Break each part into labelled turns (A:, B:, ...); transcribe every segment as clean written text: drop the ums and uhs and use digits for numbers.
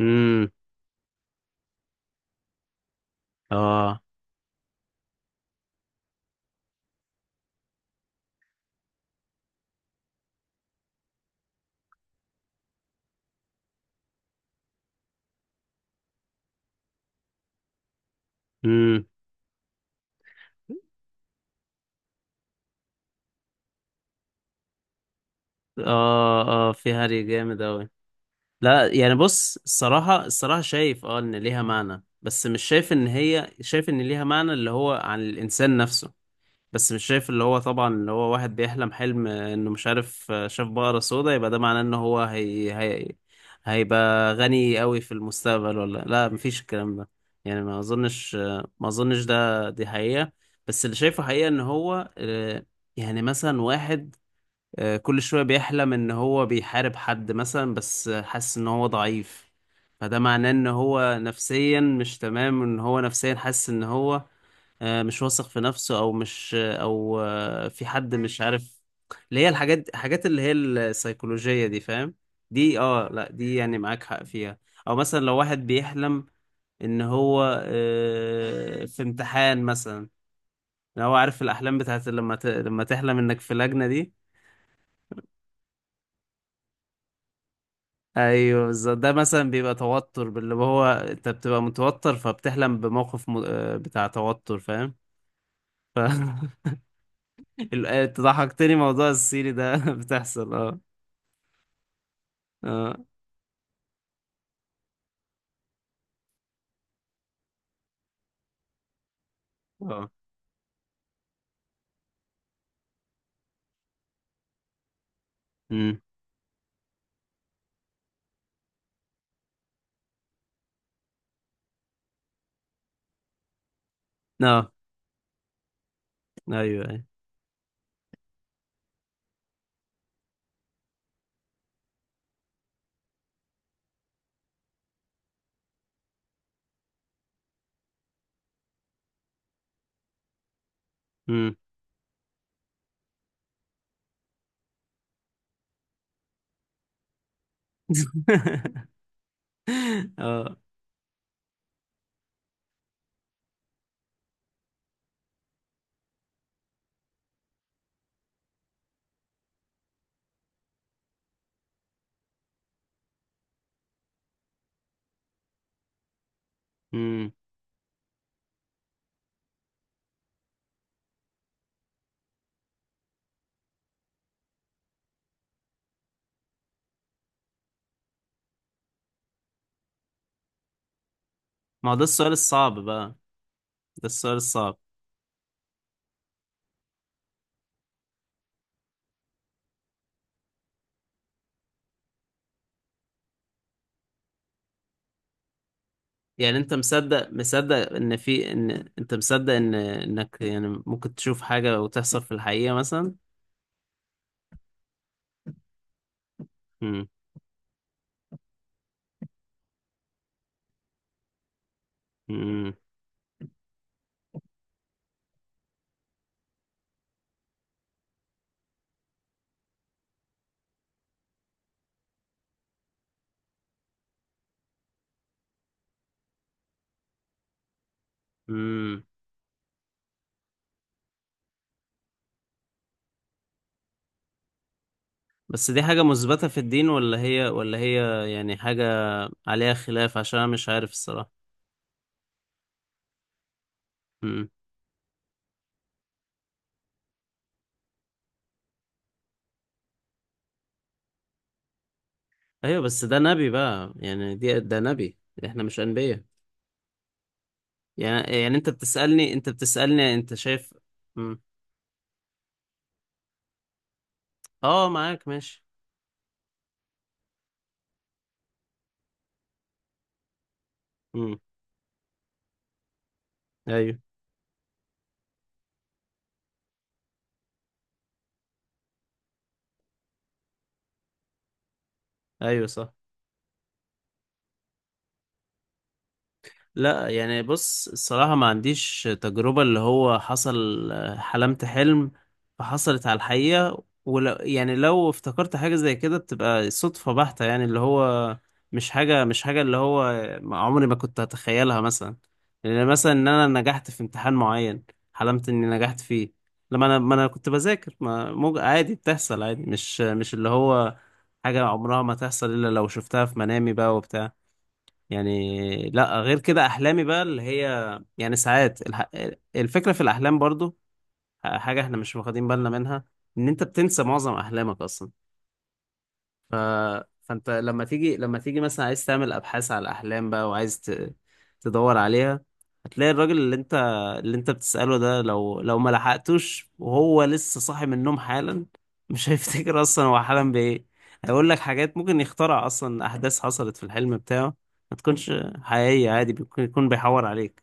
A: امم. اه. امم. اه. اه، في هري جامد اوي. لا، يعني بص. الصراحة شايف ان ليها معنى، بس مش شايف ان هي ان ليها معنى اللي هو عن الانسان نفسه. بس مش شايف، اللي هو طبعا اللي هو واحد بيحلم حلم انه مش عارف، شاف بقرة سودا، يبقى ده معناه ان هو هي هي هيبقى غني اوي في المستقبل ولا لا. مفيش الكلام ده. يعني ما اظنش دي حقيقة. بس اللي شايفه حقيقة ان هو، يعني مثلا واحد، كل شوية بيحلم ان هو بيحارب حد مثلا، بس حاسس ان هو ضعيف. فده معناه ان هو نفسيا مش تمام، ان هو نفسيا حاسس ان هو مش واثق في نفسه، او مش او آه، في حد، مش عارف. اللي هي الحاجات اللي هي السيكولوجية دي، فاهم؟ دي، لا، دي يعني معاك حق فيها. او مثلا لو واحد بيحلم ان هو، في امتحان مثلا. لو هو عارف الاحلام بتاعت، لما لما تحلم انك في لجنة دي. ايوه، بالظبط. ده مثلا بيبقى توتر، باللي هو انت بتبقى متوتر فبتحلم بموقف م... آه، بتاع توتر، فاهم؟ ف أنت ضحكتني. موضوع السيري ده بتحصل، اه. اه. اه. امم. اه. ايوه. ايوه. امم. اه. امم. ما هو ده السؤال الصعب بقى. ده السؤال الصعب. يعني انت مصدق ان في ان انت مصدق انك يعني ممكن تشوف حاجة وتحصل في الحقيقة مثلا. امم. امم. بس دي حاجة مثبتة في الدين، ولا هي يعني حاجة عليها خلاف، عشان أنا مش عارف الصراحة. امم. أيوة، بس ده نبي بقى. يعني ده نبي، إحنا مش أنبياء. يعني أنت بتسألني أنت شايف؟ امم. أه، معاك ماشي. امم. أيوة. أيوة، صح. لا، يعني بص. الصراحة ما عنديش تجربة، اللي هو حصل حلمت حلم فحصلت على الحقيقة. ولو يعني لو افتكرت حاجة زي كده بتبقى صدفة بحتة، يعني اللي هو مش حاجة اللي هو عمري ما كنت هتخيلها مثلا. يعني مثلا ان انا نجحت في امتحان معين، حلمت اني نجحت فيه لما ما انا كنت بذاكر. ما مج... عادي بتحصل، عادي مش اللي هو حاجة عمرها ما تحصل الا لو شفتها في منامي بقى وبتاع. يعني لا، غير كده احلامي بقى اللي هي يعني ساعات الفكره في الاحلام برضو حاجه احنا مش واخدين بالنا منها، ان انت بتنسى معظم احلامك اصلا. ف... فانت لما تيجي مثلا عايز تعمل ابحاث على الاحلام بقى، وعايز تدور عليها، هتلاقي الراجل اللي انت بتسأله ده، لو ما لحقتوش وهو لسه صاحي من النوم حالا، مش هيفتكر اصلا هو حلم بايه. هيقول لك حاجات ممكن يخترع اصلا احداث حصلت في الحلم بتاعه ما تكونش حقيقية، عادي يكون بيحور عليك.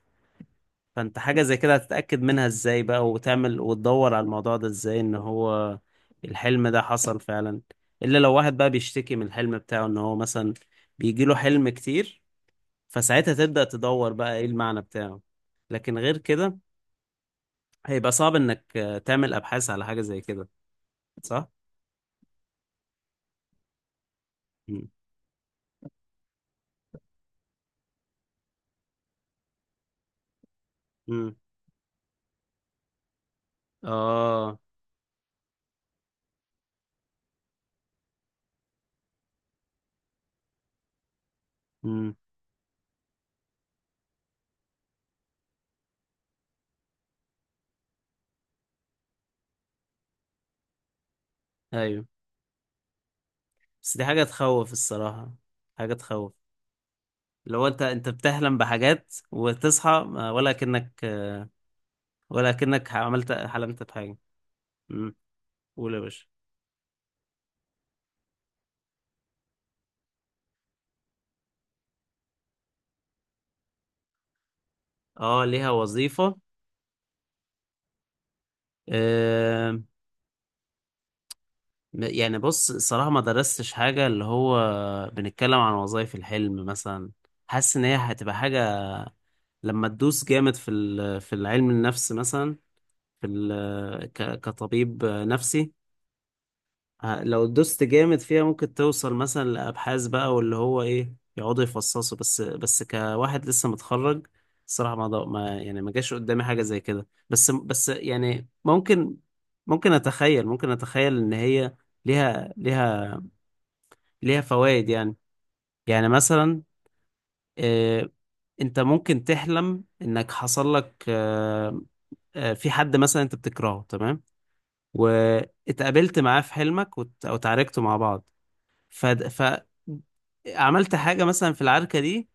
A: فانت حاجة زي كده هتتأكد منها ازاي بقى؟ وتعمل وتدور على الموضوع ده ازاي، ان هو الحلم ده حصل فعلا؟ الا لو واحد بقى بيشتكي من الحلم بتاعه، ان هو مثلا بيجيله حلم كتير، فساعتها تبدأ تدور بقى ايه المعنى بتاعه. لكن غير كده هيبقى صعب انك تعمل ابحاث على حاجة زي كده. صح؟ مم. مم. اه. مم. ايوه. بس دي حاجة تخوف الصراحة، حاجة تخوف. لو انت بتحلم بحاجات وتصحى ولا كأنك، ولكنك حلمت بحاجة. امم. قول يا باشا. اه، ليها وظيفة. آه يعني بص، الصراحة ما درستش حاجة، اللي هو بنتكلم عن وظائف الحلم مثلا. حاسس ان هي هتبقى حاجة لما تدوس جامد في العلم النفس مثلا، كطبيب نفسي. لو دوست جامد فيها ممكن توصل مثلا لأبحاث بقى، واللي هو إيه يقعدوا يفصصوا. بس كواحد لسه متخرج الصراحة ما يعني ما جاش قدامي حاجة زي كده، بس يعني ممكن. ممكن أتخيل إن هي ليها ليها ليها فوائد يعني. يعني مثلا، آه، أنت ممكن تحلم إنك حصل لك، في حد مثلا أنت بتكرهه، تمام، واتقابلت معاه في حلمك أو اتعاركتوا مع بعض. ف... ف عملت حاجة مثلا في العركة دي،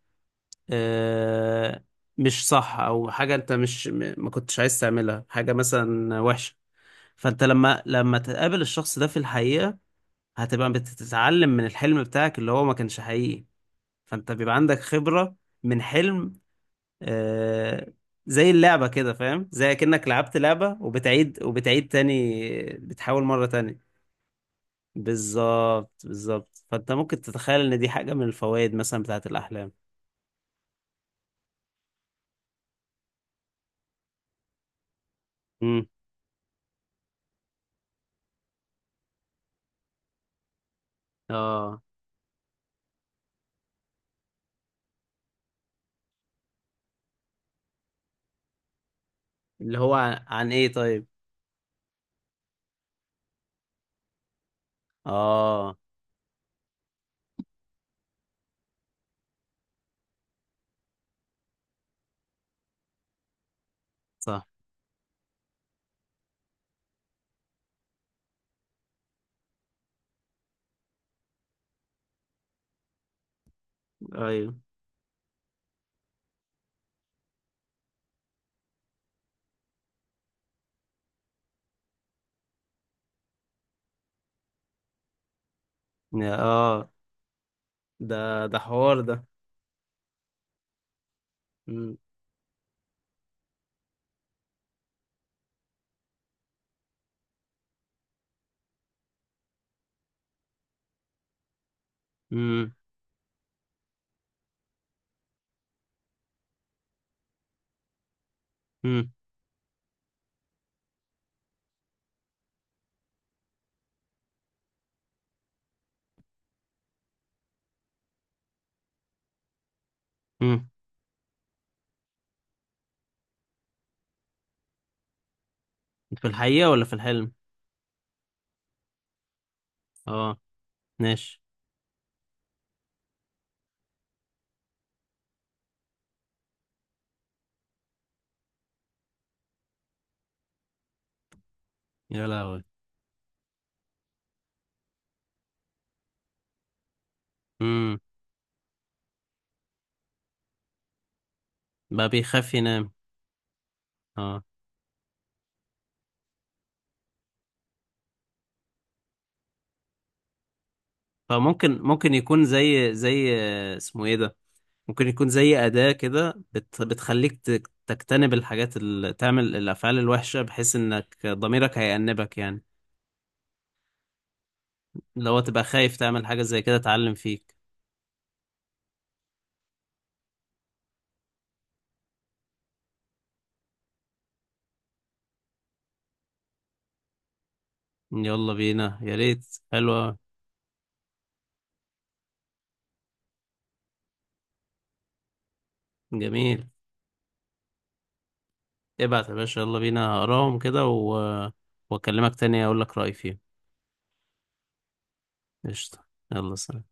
A: آه، مش صح، أو حاجة أنت مش م- ما كنتش عايز تعملها، حاجة مثلا وحشة. فأنت لما تقابل الشخص ده في الحقيقة، هتبقى بتتعلم من الحلم بتاعك اللي هو ما كانش حقيقي، فأنت بيبقى عندك خبرة من حلم. آه، زي اللعبة كده، فاهم؟ زي كأنك لعبت لعبة وبتعيد وبتعيد تاني، بتحاول مرة تانية. بالظبط بالظبط، فانت ممكن تتخيل ان دي حاجة من الفوائد مثلا بتاعت الاحلام. امم. اه. اللي هو عن، ايه طيب؟ اه. صح. ايوه. اه، ده حوار ده. امم. امم. امم. أمم. في الحقيقة ولا في الحلم؟ اه. ماشي. يا لهوي. امم. بقى بيخاف ينام. اه. فممكن يكون زي اسمه ايه ده. ممكن يكون زي أداة كده بتخليك تجتنب الحاجات اللي تعمل الأفعال الوحشة، بحيث إنك ضميرك هيأنبك يعني. لو تبقى خايف تعمل حاجة زي كده، اتعلم فيك. يلا بينا، يا ريت. حلوة. جميل. ابعت يا باشا، يلا بينا، هقراهم كده وأكلمك تاني، أقول لك رأيي فيهم. قشطة. يلا، سلام.